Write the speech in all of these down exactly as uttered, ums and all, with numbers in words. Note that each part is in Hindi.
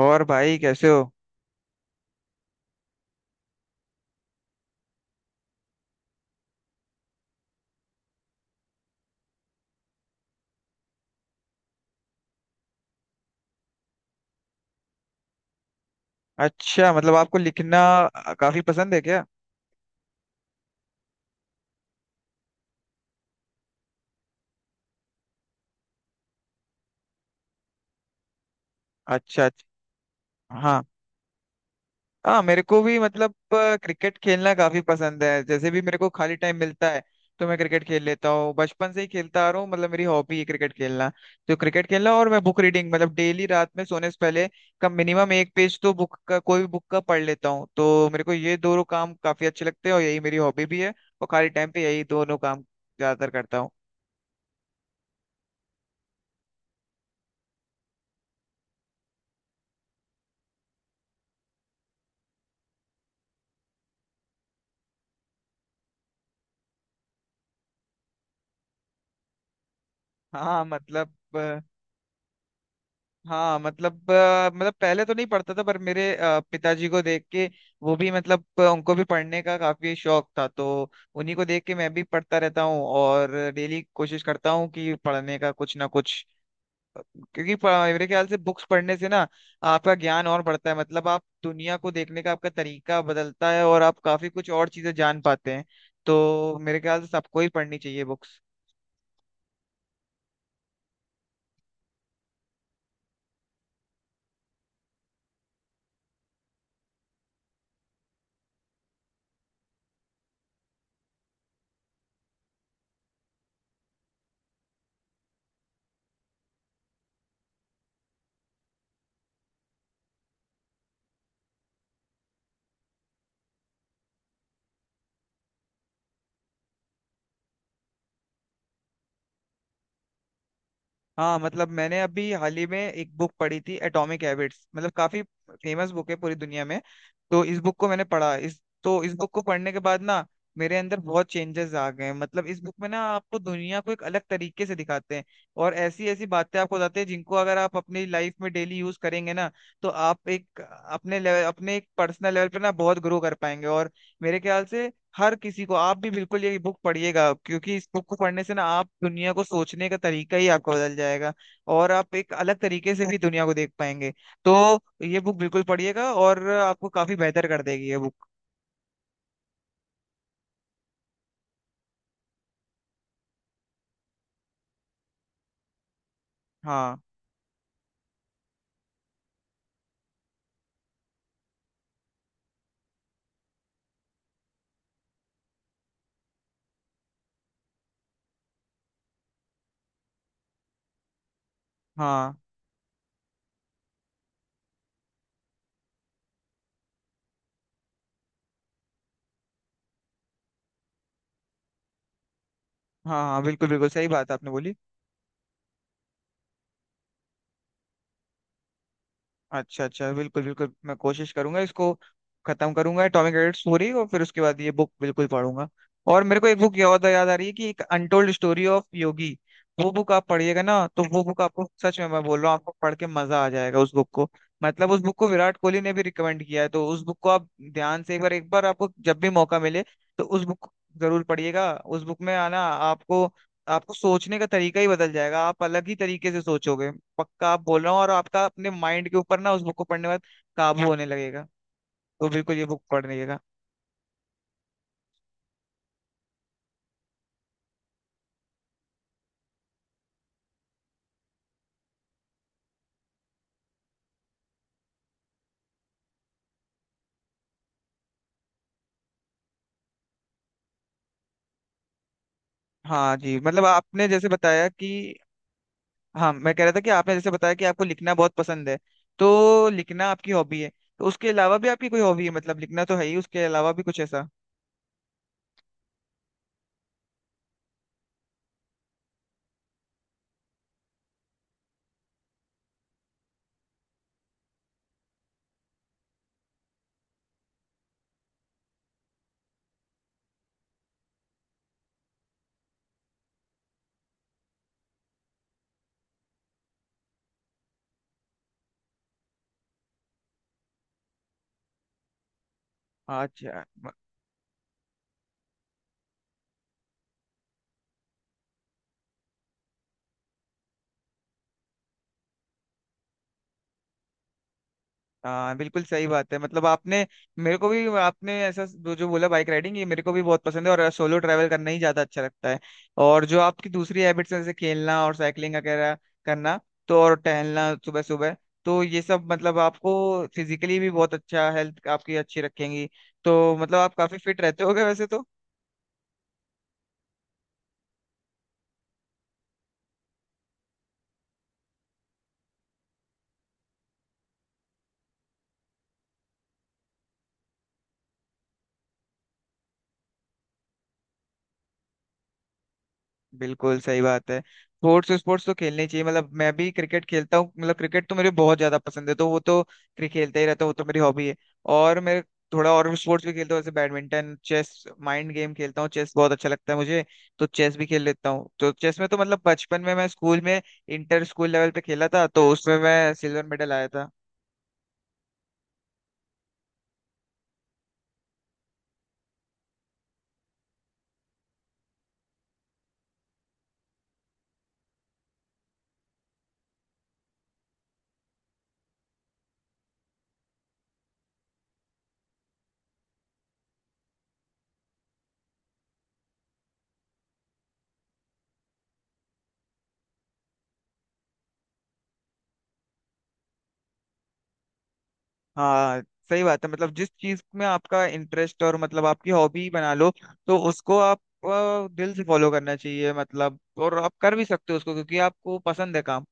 और भाई कैसे हो? अच्छा, मतलब आपको लिखना काफी पसंद है क्या? अच्छा अच्छा। हाँ हाँ, मेरे को भी मतलब अ, क्रिकेट खेलना काफी पसंद है। जैसे भी मेरे को खाली टाइम मिलता है तो मैं क्रिकेट खेल लेता हूँ, बचपन से ही खेलता आ रहा हूँ, मतलब मेरी हॉबी है क्रिकेट खेलना। तो क्रिकेट खेलना, और मैं बुक रीडिंग, मतलब डेली रात में सोने से पहले कम मिनिमम एक पेज तो बुक का, कोई भी बुक का पढ़ लेता हूँ। तो मेरे को ये दोनों काम काफी अच्छे लगते हैं और यही मेरी हॉबी भी है। और खाली टाइम पे यही दोनों काम ज्यादातर करता हूँ। हाँ मतलब हाँ मतलब अ, मतलब पहले तो नहीं पढ़ता था, पर मेरे अ, पिताजी को देख के, वो भी मतलब अ, उनको भी पढ़ने का काफी शौक था, तो उन्हीं को देख के मैं भी पढ़ता रहता हूँ, और डेली कोशिश करता हूँ कि पढ़ने का कुछ ना कुछ, क्योंकि प- मेरे ख्याल से बुक्स पढ़ने से ना आपका ज्ञान और बढ़ता है, मतलब आप दुनिया को देखने का आपका तरीका बदलता है और आप काफी कुछ और चीजें जान पाते हैं। तो मेरे ख्याल से सबको ही पढ़नी चाहिए बुक्स। हाँ मतलब, मैंने अभी हाल ही में एक बुक पढ़ी थी, एटॉमिक हैबिट्स, मतलब काफी फेमस बुक है पूरी दुनिया में। तो इस बुक को मैंने पढ़ा, इस तो इस बुक को पढ़ने के बाद ना मेरे अंदर बहुत चेंजेस आ गए हैं। मतलब इस बुक में ना आपको दुनिया को एक अलग तरीके से दिखाते हैं, और ऐसी ऐसी बातें आपको बताते हैं जिनको अगर आप अपनी लाइफ में डेली यूज करेंगे ना, तो आप एक अपने लेवल अपने एक पर्सनल लेवल पे ना बहुत ग्रो कर पाएंगे। और मेरे ख्याल से हर किसी को, आप भी बिल्कुल ये बुक पढ़िएगा, क्योंकि इस बुक को पढ़ने से ना आप दुनिया को सोचने का तरीका ही आपका बदल जाएगा, और आप एक अलग तरीके से भी दुनिया को देख पाएंगे। तो ये बुक बिल्कुल पढ़िएगा, और आपको काफी बेहतर कर देगी ये बुक। हाँ, हाँ, हाँ, हाँ, बिल्कुल बिल्कुल सही बात आपने बोली। अच्छा अच्छा, बिल्कुल बिल्कुल, मैं कोशिश करूंगा इसको खत्म करूंगा, एटॉमिक हैबिट्स पूरी, और फिर उसके बाद ये बुक बिल्कुल पढ़ूंगा। और मेरे को एक बुक याद याद आ रही है, कि एक अनटोल्ड स्टोरी ऑफ योगी, वो बुक आप पढ़िएगा ना, तो वो बुक आपको, सच में मैं बोल रहा हूँ, आपको पढ़ के मजा आ जाएगा उस बुक को। मतलब उस बुक को विराट कोहली ने भी रिकमेंड किया है, तो उस बुक को आप ध्यान से, एक बार, एक बार आपको जब भी मौका मिले, तो उस बुक को जरूर पढ़िएगा। उस बुक में आना आपको आपको सोचने का तरीका ही बदल जाएगा, आप अलग ही तरीके से सोचोगे, पक्का आप बोल रहा हूँ। और आपका अपने माइंड के ऊपर ना, उस बुक को पढ़ने के बाद काबू होने लगेगा, तो बिल्कुल ये बुक पढ़ने का। हाँ जी, मतलब आपने जैसे बताया कि, हाँ मैं कह रहा था कि आपने जैसे बताया कि आपको लिखना बहुत पसंद है, तो लिखना आपकी हॉबी है, तो उसके अलावा भी आपकी कोई हॉबी है, मतलब लिखना तो है ही, उसके अलावा भी कुछ ऐसा? अच्छा। हाँ बिल्कुल सही बात है, मतलब आपने, मेरे को भी आपने ऐसा जो जो बोला बाइक राइडिंग, ये मेरे को भी बहुत पसंद है, और सोलो ट्रैवल करना ही ज्यादा अच्छा लगता है। और जो आपकी दूसरी हैबिट्स हैं, जैसे खेलना और साइकिलिंग वगैरह करना, तो, और टहलना सुबह सुबह, तो ये सब मतलब आपको फिजिकली भी बहुत अच्छा, हेल्थ आपकी अच्छी रखेंगी। तो मतलब आप काफी फिट रहते होगे वैसे तो। बिल्कुल सही बात है, स्पोर्ट्स स्पोर्ट्स तो खेलने चाहिए, मतलब मैं भी क्रिकेट खेलता हूँ, मतलब क्रिकेट तो मेरे बहुत ज्यादा पसंद है, तो वो तो क्रिकेट खेलता ही रहता हूँ, वो तो मेरी हॉबी है। और मैं थोड़ा और स्पोर्ट्स भी खेलता हूँ, जैसे बैडमिंटन, चेस, माइंड गेम खेलता हूँ, चेस बहुत अच्छा लगता है मुझे, तो चेस भी खेल लेता हूँ। तो चेस में तो मतलब बचपन में मैं स्कूल में, इंटर स्कूल लेवल पे खेला था, तो उसमें मैं सिल्वर मेडल आया था। हाँ सही बात है, मतलब जिस चीज में आपका इंटरेस्ट, और मतलब आपकी हॉबी बना लो, तो उसको आप अ, दिल से फॉलो करना चाहिए, मतलब, और आप कर भी सकते हो उसको, क्योंकि आपको पसंद है काम।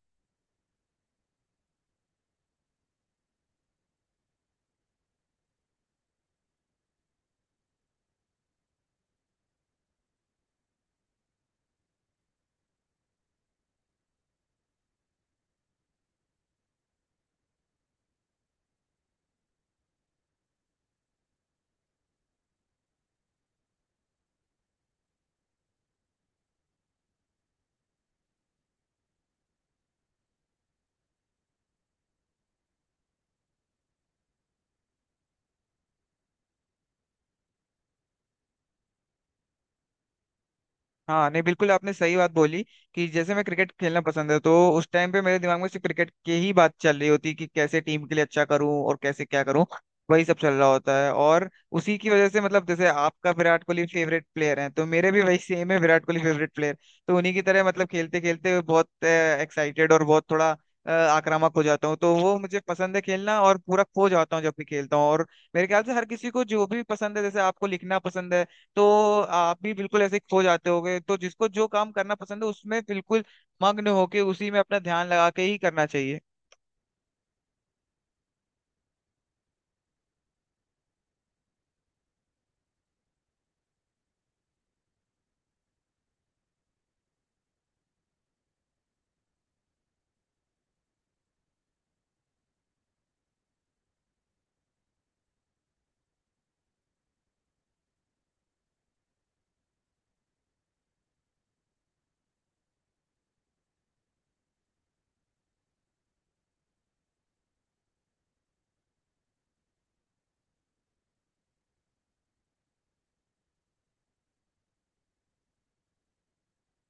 हाँ नहीं, बिल्कुल आपने सही बात बोली, कि जैसे मैं क्रिकेट खेलना पसंद है, तो उस टाइम पे मेरे दिमाग में सिर्फ क्रिकेट की ही बात चल रही होती, कि कैसे टीम के लिए अच्छा करूं और कैसे क्या करूं, वही सब चल रहा होता है। और उसी की वजह से मतलब जैसे आपका विराट कोहली फेवरेट प्लेयर हैं, तो मेरे भी वही सेम है, विराट कोहली फेवरेट प्लेयर। तो उन्हीं की तरह मतलब, खेलते खेलते बहुत एक्साइटेड और बहुत थोड़ा अ, आक्रामक हो जाता हूँ, तो वो मुझे पसंद है खेलना, और पूरा खो जाता हूँ जब भी खेलता हूँ। और मेरे ख्याल से हर किसी को जो भी पसंद है, जैसे आपको लिखना पसंद है, तो आप भी बिल्कुल ऐसे खो जाते होगे, तो जिसको जो काम करना पसंद है उसमें बिल्कुल मग्न होके उसी में अपना ध्यान लगा के ही करना चाहिए।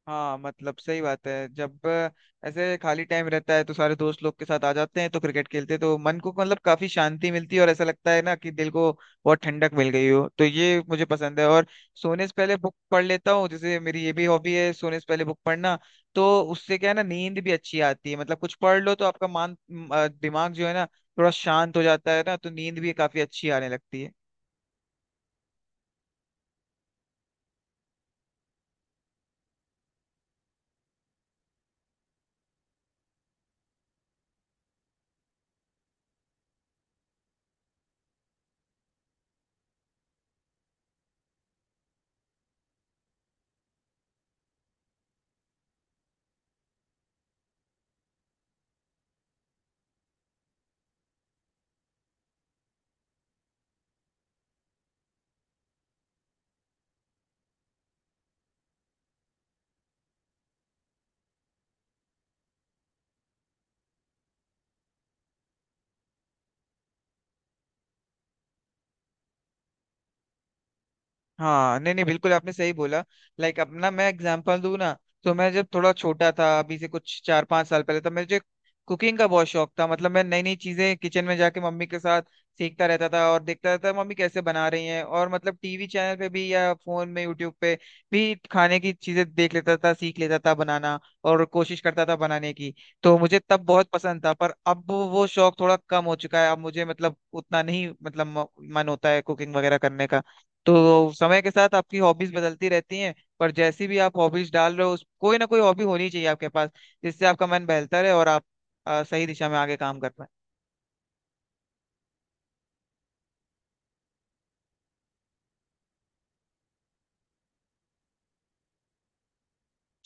हाँ मतलब सही बात है, जब अ, ऐसे खाली टाइम रहता है तो सारे दोस्त लोग के साथ आ जाते हैं, तो क्रिकेट खेलते हैं, तो मन को मतलब काफी शांति मिलती है, और ऐसा लगता है ना कि दिल को बहुत ठंडक मिल गई हो, तो ये मुझे पसंद है। और सोने से पहले बुक पढ़ लेता हूँ, जैसे मेरी ये भी हॉबी है सोने से पहले बुक पढ़ना, तो उससे क्या है ना, नींद भी अच्छी आती है, मतलब कुछ पढ़ लो तो आपका मान म, अ, दिमाग जो है ना थोड़ा शांत हो जाता है ना, तो नींद भी काफी अच्छी आने लगती है। हाँ नहीं नहीं, बिल्कुल आपने सही बोला। लाइक अपना मैं एग्जांपल दूं ना, तो मैं जब थोड़ा छोटा था, अभी से कुछ चार पांच साल पहले, तो मुझे कुकिंग का बहुत शौक था। मतलब मैं नई नई चीजें किचन में जाके मम्मी के साथ सीखता रहता था और देखता रहता था मम्मी कैसे बना रही हैं, और मतलब टीवी चैनल पे भी या फोन में यूट्यूब पे भी खाने की चीजें देख लेता था, सीख लेता था बनाना, और कोशिश करता था बनाने की। तो मुझे तब बहुत पसंद था, पर अब वो शौक थोड़ा कम हो चुका है, अब मुझे मतलब उतना नहीं, मतलब म- मन होता है कुकिंग वगैरह करने का। तो समय के साथ आपकी हॉबीज बदलती रहती हैं, पर जैसी भी आप हॉबीज डाल रहे हो, उस कोई ना कोई हॉबी होनी चाहिए आपके पास, जिससे आपका मन बहलता रहे, और आप अ, सही दिशा में आगे काम कर पाए।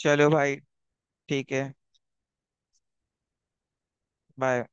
चलो भाई, ठीक है, बाय।